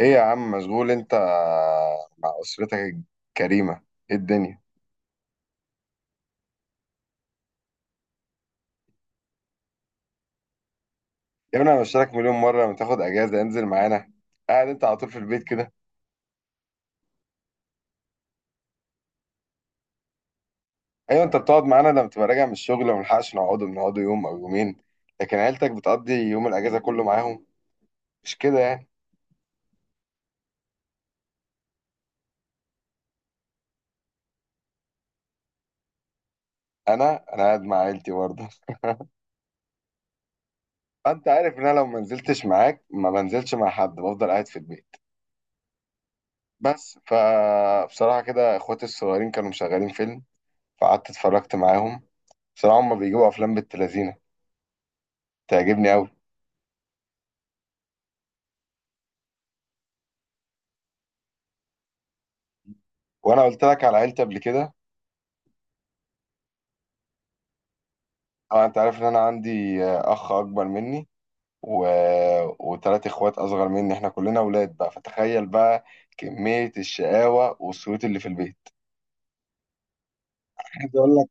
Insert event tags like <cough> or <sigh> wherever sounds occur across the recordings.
ايه يا عم، مشغول انت مع اسرتك الكريمه؟ ايه الدنيا؟ يا ابني انا بشترك مليون مره لما تاخد اجازه انزل معانا. قاعد انت على طول في البيت كده. ايوه، انت بتقعد معانا لما تبقى راجع من الشغل وما نلحقش نقعد، بنقعد يوم او يومين. لكن عيلتك بتقضي يوم الاجازه كله معاهم، مش كده يعني؟ انا قاعد مع عيلتي برضه. <laughs> انت عارف ان انا لو ما نزلتش معاك ما بنزلش مع حد، بفضل قاعد في البيت. بس فبصراحه كده اخواتي الصغيرين كانوا مشغلين فيلم، فقعدت اتفرجت معاهم. بصراحة هما بيجيبوا أفلام بالتلازينة تعجبني قوي. وانا قلت لك على عيلتي قبل كده. اه، انت عارف ان انا عندي اخ اكبر مني و... وثلاث اخوات اصغر مني، احنا كلنا اولاد بقى. فتخيل بقى كمية الشقاوة والصوت اللي في البيت. عايز اقول لك،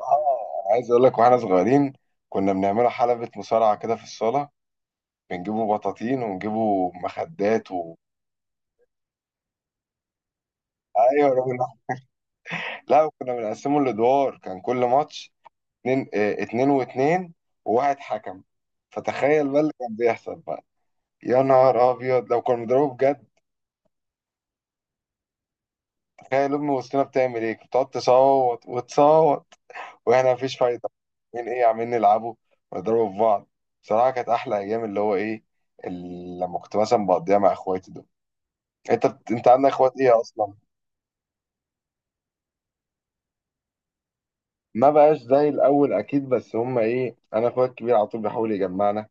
اه عايز اقول لك، واحنا صغيرين كنا بنعملها حلبة مصارعة كده في الصالة. بنجيبوا بطاطين ونجيبوا مخدات ايوه الراجل ده. لا، وكنا بنقسمه لادوار، كان كل ماتش اتنين، اتنين واتنين، وواحد حكم. فتخيل بقى اللي كان بيحصل بقى. يا نهار ابيض لو كنا بنضربه بجد. تخيل امي وسطنا بتعمل ايه، كانت بتقعد تصوت وتصوت، واحنا مفيش فايده. من ايه عمالين نلعبه ونضربه في بعض. بصراحه كانت احلى ايام، اللي هو ايه، لما كنت مثلا بقضيها مع اخواتي دول. انت عندك اخوات ايه اصلا؟ ما بقاش زي الاول اكيد، بس هم ايه، انا اخويا الكبير على طول بيحاول يجمعنا.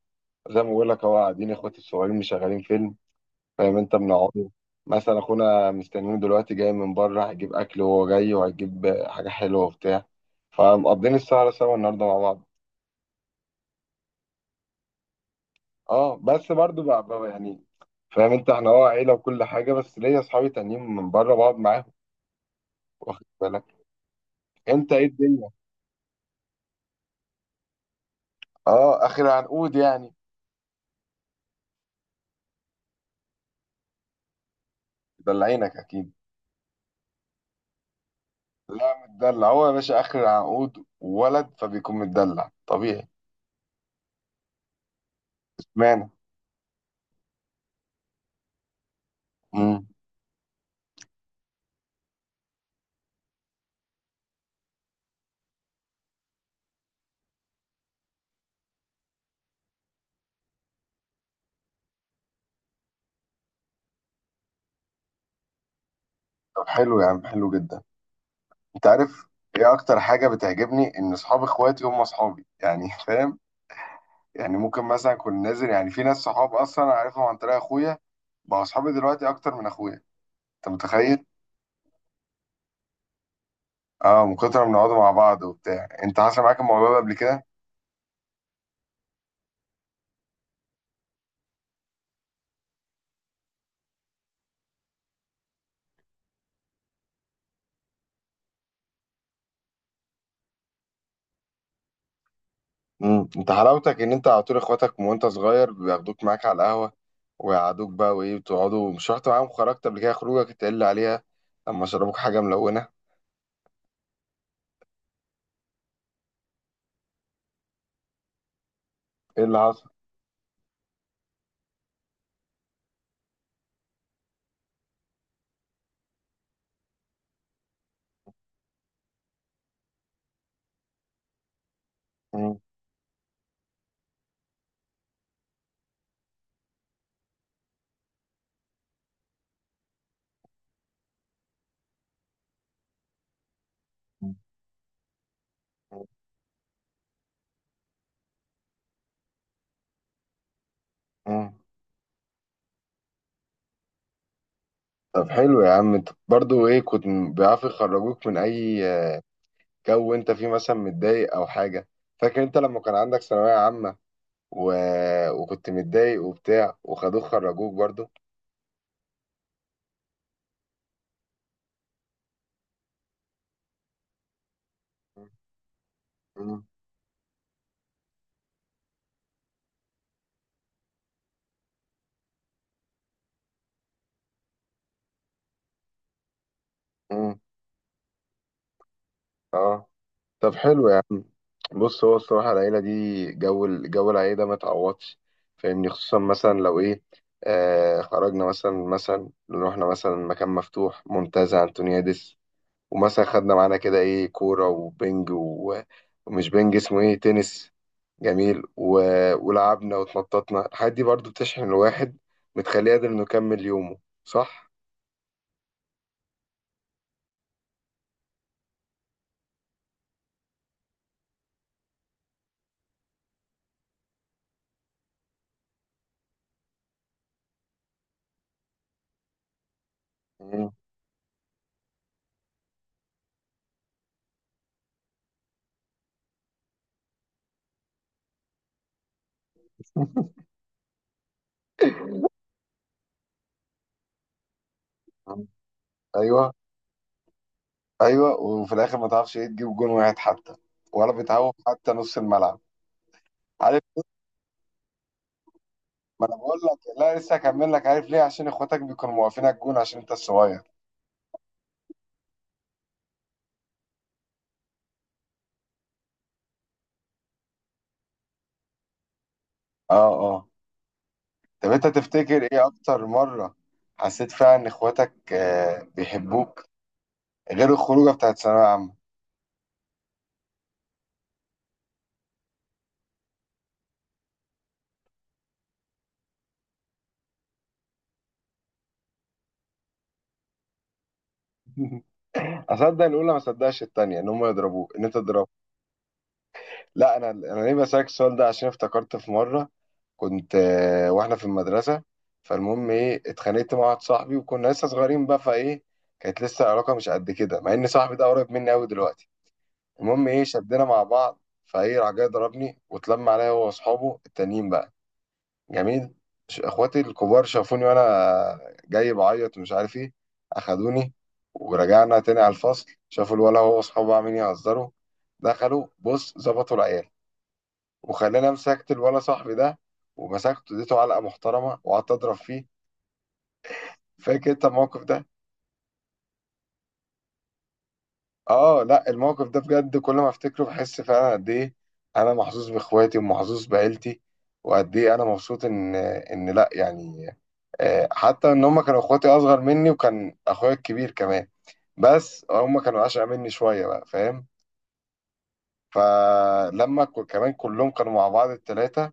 زي ما بقول لك اهو، قاعدين اخواتي الصغيرين مشغلين فيلم، فاهم انت، بنقعد. مثلا اخونا مستنينه دلوقتي جاي من بره، هيجيب اكل وهو جاي، وهيجيب حاجه حلوه وبتاع. فمقضين السهره سوا النهارده مع بعض. اه، بس برضو بقى يعني. فاهم انت، احنا اه عيله وكل حاجه، بس ليا اصحابي تانيين من بره بقعد معاهم. واخد بالك. انت ايه الدنيا؟ اه، اخر العنقود يعني. مدلعينك اكيد. لا، متدلع هو يا باشا، اخر العنقود ولد فبيكون متدلع طبيعي. اشمعنى؟ امم. طب حلو يا عم، حلو جدا. انت عارف ايه اكتر حاجه بتعجبني؟ ان اصحاب اخواتي هم اصحابي يعني. <laughs> فاهم، يعني ممكن مثلا اكون نازل، يعني في ناس صحاب اصلا انا عارفهم عن طريق اخويا، بقى اصحابي دلوقتي اكتر من اخويا. انت متخيل؟ اه، من كتر ما بنقعدوا مع بعض وبتاع. انت حصل معاك الموضوع ده قبل كده؟ امم، انت حلاوتك ان انت على طول اخواتك من وانت صغير بياخدوك معاك على القهوه، ويقعدوك بقى، وايه بتقعدوا. مش رحت معاهم، خرجت قبل كده خروجك تقل عليها، لما شربوك حاجه ملونه. ايه اللي حصل؟ امم. طب حلو يا عم، انت برضو ايه، كنت بيعرفوا يخرجوك من اي جو انت فيه مثلا متضايق او حاجه. فاكر انت لما كان عندك ثانويه عامه و... وكنت متضايق وبتاع وخدوك خرجوك برضو. مم. مم. اه. طب حلو يا عم، بص، هو الصراحه العيله دي، جو جو العيله ده ما تعوضش. فاهمني، خصوصا مثلا لو ايه، آه خرجنا مثلا، رحنا مثلا مكان مفتوح، منتزه انتونيادس، ومثلا خدنا معانا كده ايه، كورة وبنج ومش بنج اسمه ايه، تنس. جميل و... ولعبنا واتنططنا، الحاجات دي برضو بتشحن الواحد، بتخليه قادر انه يكمل يومه، صح؟ مم. مم. ايوه. ايوه، وفي الاخر ما تعرفش ايه تجيب جون واحد حتى، ولا بتعوق حتى نص الملعب. عارف، ما انا بقول لك، لا لسه هكمل لك، عارف ليه؟ عشان اخواتك بيكونوا موقفين على الجون عشان انت الصغير. اه. اه. طب انت تفتكر ايه اكتر مرة حسيت فيها ان اخواتك آه بيحبوك، غير الخروجه بتاعت ثانويه عامه؟ <laughs> اصدق الاولى ما اصدقش التانية، ان هم يضربوه، ان انت تضربه. لا، انا ليه بسالك السؤال ده؟ عشان افتكرت في مره كنت، واحنا في المدرسه، فالمهم ايه، اتخانقت مع واحد صاحبي، وكنا لسه صغيرين بقى، فايه، كانت لسه العلاقه مش قد كده، مع ان صاحبي ده قريب مني قوي دلوقتي. المهم ايه، شدنا مع بعض، فايه راح جاي ضربني، واتلم عليا هو واصحابه التانيين بقى. جميل. اخواتي الكبار شافوني وانا جاي بعيط ومش عارف ايه، اخدوني ورجعنا تاني على الفصل، شافوا الولا هو واصحابه عاملين يهزروا، دخلوا بص ظبطوا العيال، وخلاني امسكت الولا صاحبي ده، ومسكته اديته علقه محترمه وقعدت اضرب فيه. فاكر انت الموقف ده؟ اه، لا الموقف ده بجد، كل ما افتكره بحس فعلا قد ايه انا محظوظ باخواتي ومحظوظ بعيلتي، وقد ايه انا مبسوط ان لا يعني، حتى ان هم كانوا اخواتي اصغر مني، وكان اخويا الكبير كمان، بس هم كانوا اشقى مني شويه بقى، فاهم؟ فلما كمان كلهم كانوا مع بعض التلاتة،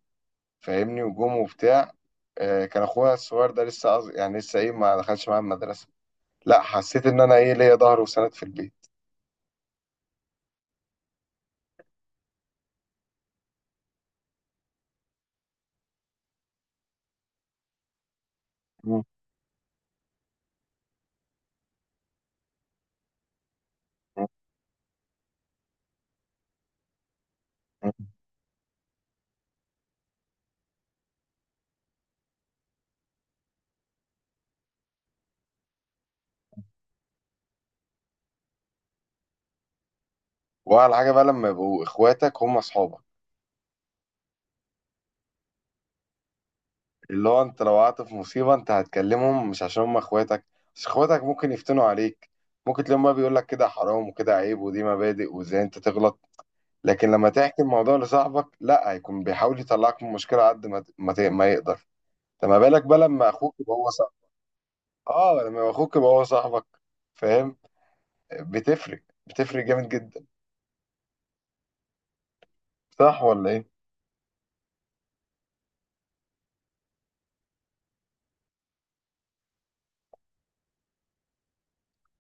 فاهمني، وجم وبتاع، كان اخويا الصغير ده لسه يعني لسه ايه، ما دخلش معايا المدرسه. لا، حسيت ان انا ايه، ليا ظهر وسند في البيت. مم. مم. واحلى حاجه بقى لما يبقوا اخواتك هم اصحابك. اللي هو انت لو وقعت في مصيبة انت هتكلمهم مش عشان هم اخواتك، بس اخواتك ممكن يفتنوا عليك، ممكن تلاقيهم بقى بيقول لك كده حرام وكده عيب ودي مبادئ وازاي انت تغلط. لكن لما تحكي الموضوع لصاحبك، لا هيكون بيحاول يطلعك من المشكلة قد ما ما يقدر. فما بالك بقى لما اخوك يبقى هو صاحبك. اه، لما يبقى اخوك يبقى هو صاحبك، فاهم؟ بتفرق جامد جدا، صح ولا ايه؟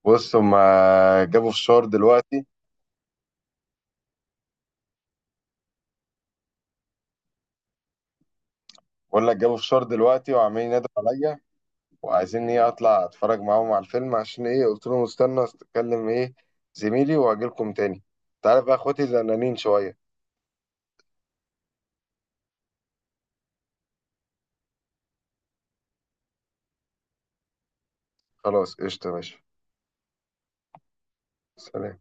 بص هما جابوا فشار دلوقتي. بقول لك جابوا فشار دلوقتي وعمالين ينادوا عليا، وعايزين ايه اطلع اتفرج معاهم على الفيلم، عشان ايه قلت لهم استنى اتكلم ايه زميلي واجيلكم تاني. تعرف بقى اخواتي زنانين شوية. خلاص قشطة يا باشا. سلام.